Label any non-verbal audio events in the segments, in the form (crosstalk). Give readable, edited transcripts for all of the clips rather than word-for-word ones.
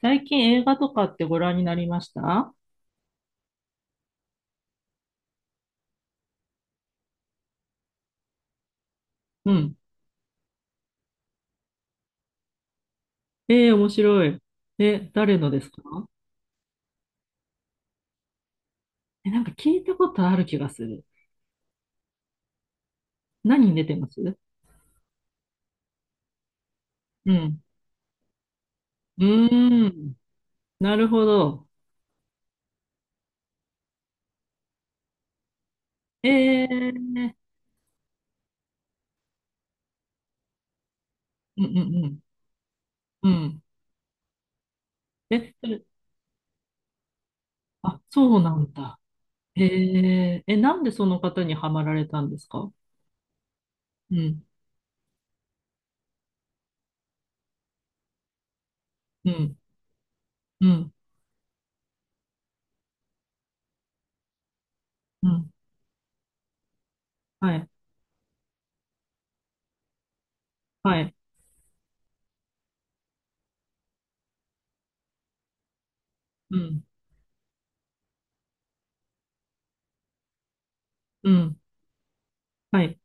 最近映画とかってご覧になりました？うん。ええ、面白い。え、誰のですか？え、なんか聞いたことある気がする。何に出てます？うん。うーん。なるほど。ええ、うんうんうん。うん。え、それ、あ、そうなんだ。ええ、え、なんでその方にハマられたんですか？うん、うん、うん、うん。はい、はい、うん、うん、はい、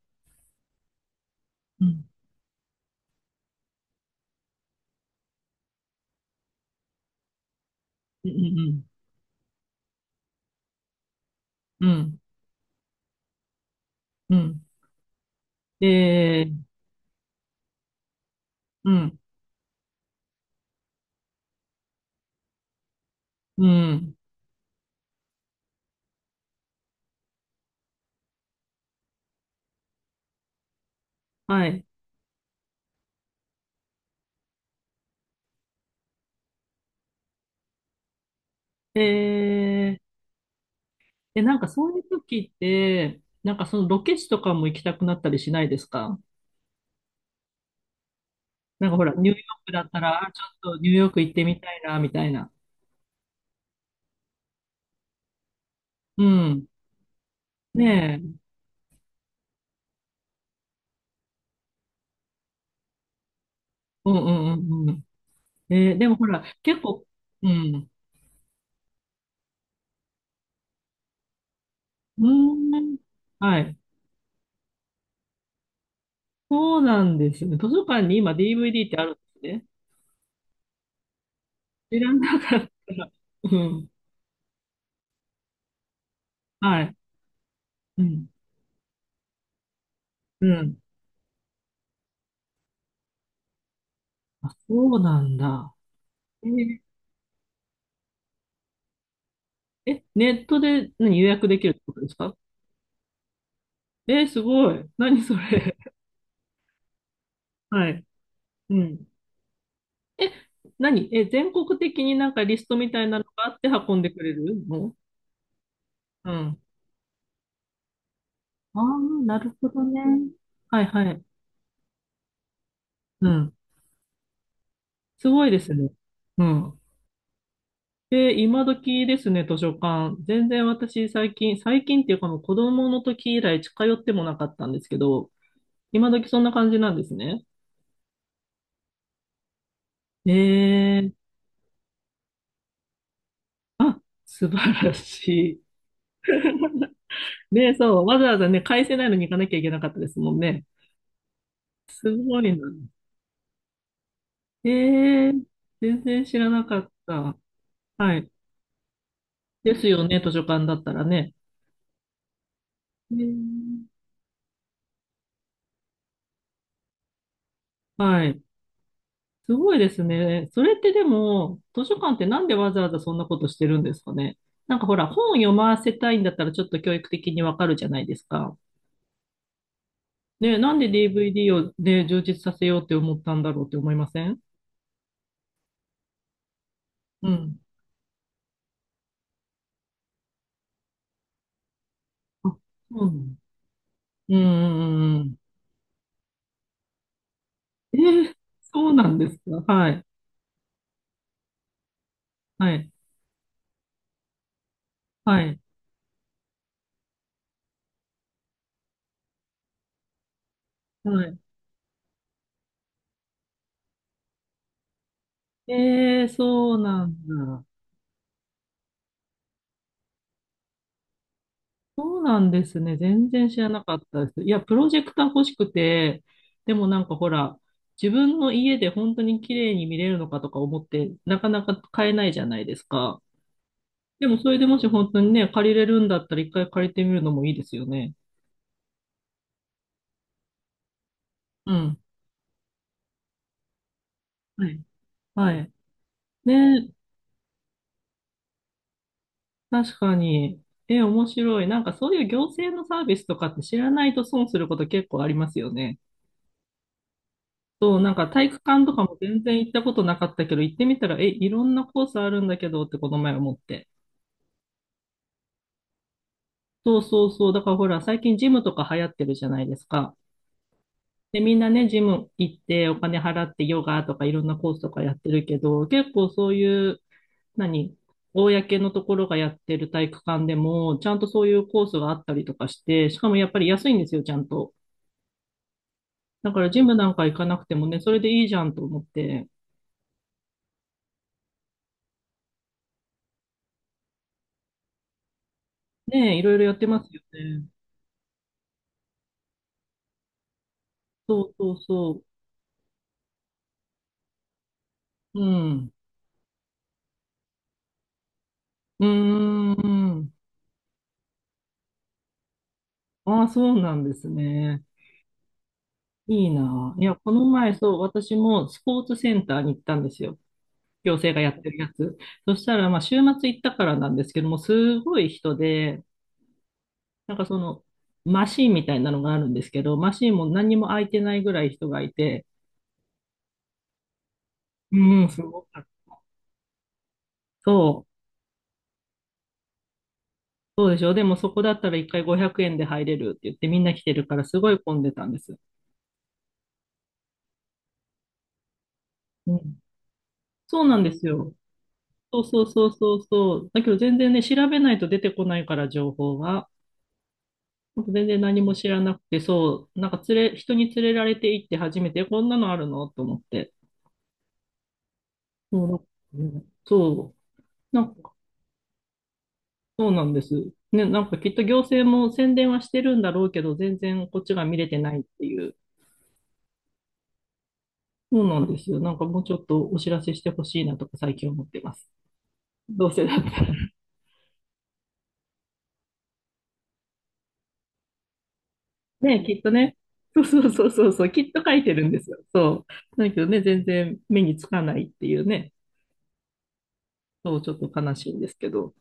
うん、うん、うん、うん、うん。ええ、うん。うん。はい。えー、え、なんかそういう時って、なんかそのロケ地とかも行きたくなったりしないですか？なんかほら、ニューヨークだったら、あ、ちょっとニューヨーク行ってみたいな、みたいな。うん。ねえ。うんうんうんうん。えーでもほら、結構、うん。うーん。はい。そうなんですよね。図書館に今 DVD ってあるんですね。知らなかった。うん。はい。うん。うん。あ、そうなんだ。えー、え、ネットで何予約できるってことですか？えすごい。何それ。(laughs) はい。うん。え、何、え、全国的になんかリストみたいなのがあって運んでくれるの？うん。ああ、なるほどね。はいはい。うん。すごいですね。うん。で、今時ですね、図書館。全然私最近、最近っていうかもう子供の時以来近寄ってもなかったんですけど、今時そんな感じなんですね。ええ、あ、素晴らしい。ね、そう、わざわざね、返せないのに行かなきゃいけなかったですもんね。すごいな。ええ、全然知らなかった。はい。ですよね、図書館だったらね。ええ、はい。すごいですね。それってでも、図書館ってなんでわざわざそんなことしてるんですかね。なんかほら、本読ませたいんだったらちょっと教育的にわかるじゃないですか。ね、なんで DVD をね、充実させようって思ったんだろうって思いません？うん。あ、そうなの。うんうんうんうん。えー、そうなんですか。はい。はい。はい。はい。ええ、そうなんだ。そうなんですね。全然知らなかったです。いや、プロジェクター欲しくて、でもなんかほら、自分の家で本当に綺麗に見れるのかとか思って、なかなか買えないじゃないですか。でもそれでもし本当にね、借りれるんだったら一回借りてみるのもいいですよね。うん。はい。はい。ね、確かに。え、面白い。なんかそういう行政のサービスとかって知らないと損すること結構ありますよね。そう、なんか体育館とかも全然行ったことなかったけど、行ってみたら、え、いろんなコースあるんだけどってこの前思って。そうそうそう。だからほら、最近ジムとか流行ってるじゃないですか。で、みんなね、ジム行ってお金払ってヨガとかいろんなコースとかやってるけど、結構そういう、何公のところがやってる体育館でも、ちゃんとそういうコースがあったりとかして、しかもやっぱり安いんですよ、ちゃんと。だからジムなんか行かなくてもね、それでいいじゃんと思って、ねえ、いろいろやってますよね。そうそうそう。うん。うーん。ああ、そうなんですね。いいな。いや、この前、そう、私もスポーツセンターに行ったんですよ。行政がやってるやつ。そしたら、まあ、週末行ったからなんですけども、すごい人で、なんかその、マシーンみたいなのがあるんですけど、マシーンも何にも空いてないぐらい人がいて、うん、すごかった。そうそうでしょ。でもそこだったら一回500円で入れるって言ってみんな来てるからすごい混んでたんです。うん。そうなんですよ。そうそうそうそうそう。だけど全然ね、調べないと出てこないから情報が。ほんと全然何も知らなくて、そう、なんか連れ、人に連れられて行って初めて、こんなのあるのと思って。そう、うんそう、なんか、そうなんです。ね、なんかきっと行政も宣伝はしてるんだろうけど、全然こっちが見れてないっていう。そうなんですよ。なんかもうちょっとお知らせしてほしいなとか最近思ってます。どうせだったら。ね、きっとね。そうそうそうそうそう、きっと書いてるんですよ。そう。だけどね、全然目につかないっていうね。そう、ちょっと悲しいんですけど。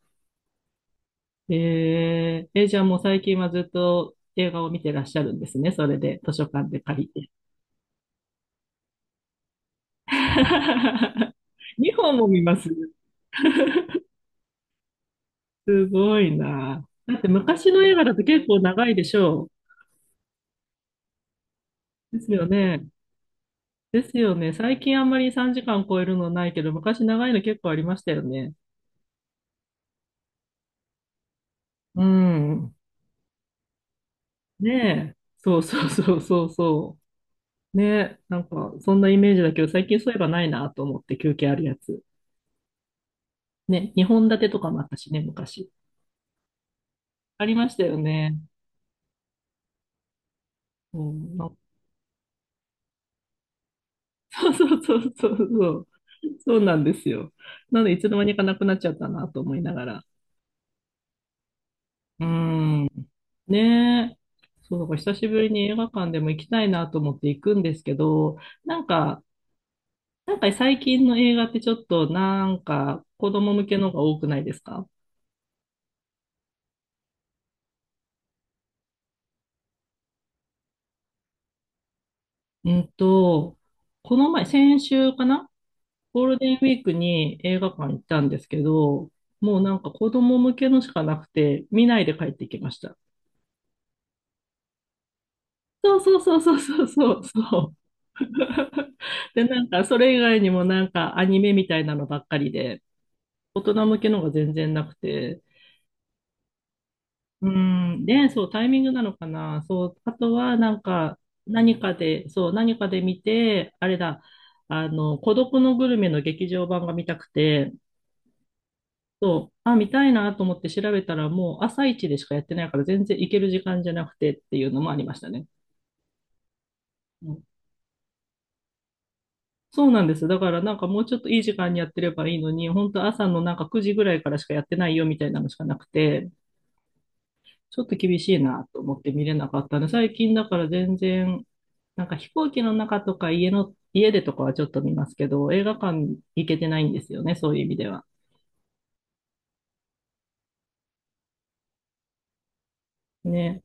えー、え、じゃあもう最近はずっと映画を見てらっしゃるんですね。それで、図書館で借りて。(laughs) 2本も見ます？すごいな。だって昔の映画だと結構長いでしょう。ですよね。ですよね。最近あんまり3時間超えるのないけど、昔長いの結構ありましたよね。うん。ねえ、そうそうそうそうそう。ねえ、なんかそんなイメージだけど、最近そういえばないなと思って休憩あるやつ。ね、2本立てとかもあったしね、昔。ありましたよね。うん、な、 (laughs) そうそうそうそうそう。そうなんですよ。なので、いつの間にかなくなっちゃったなと思いながら。うん。ねえ。そう、だから久しぶりに映画館でも行きたいなと思って行くんですけど、なんか、なんか最近の映画ってちょっとなんか子供向けのが多くないですか？えっと、この前、先週かな、ゴールデンウィークに映画館行ったんですけど、もうなんか子供向けのしかなくて、見ないで帰ってきました。そうそうそうそうそうそうそう。(laughs) で、なんかそれ以外にもなんかアニメみたいなのばっかりで、大人向けのが全然なくて、うん、ね、そう、タイミングなのかな。そう、あとはなんか何かで見て、あれだ、あの、孤独のグルメの劇場版が見たくて、そう、あ、見たいなと思って調べたら、もう朝一でしかやってないから、全然行ける時間じゃなくてっていうのもありましたね。うん、そうなんです。だから、なんかもうちょっといい時間にやってればいいのに、本当朝のなんか9時ぐらいからしかやってないよみたいなのしかなくて、ちょっと厳しいなと思って見れなかったので、最近だから全然、なんか飛行機の中とか家でとかはちょっと見ますけど、映画館行けてないんですよね、そういう意味では。ね。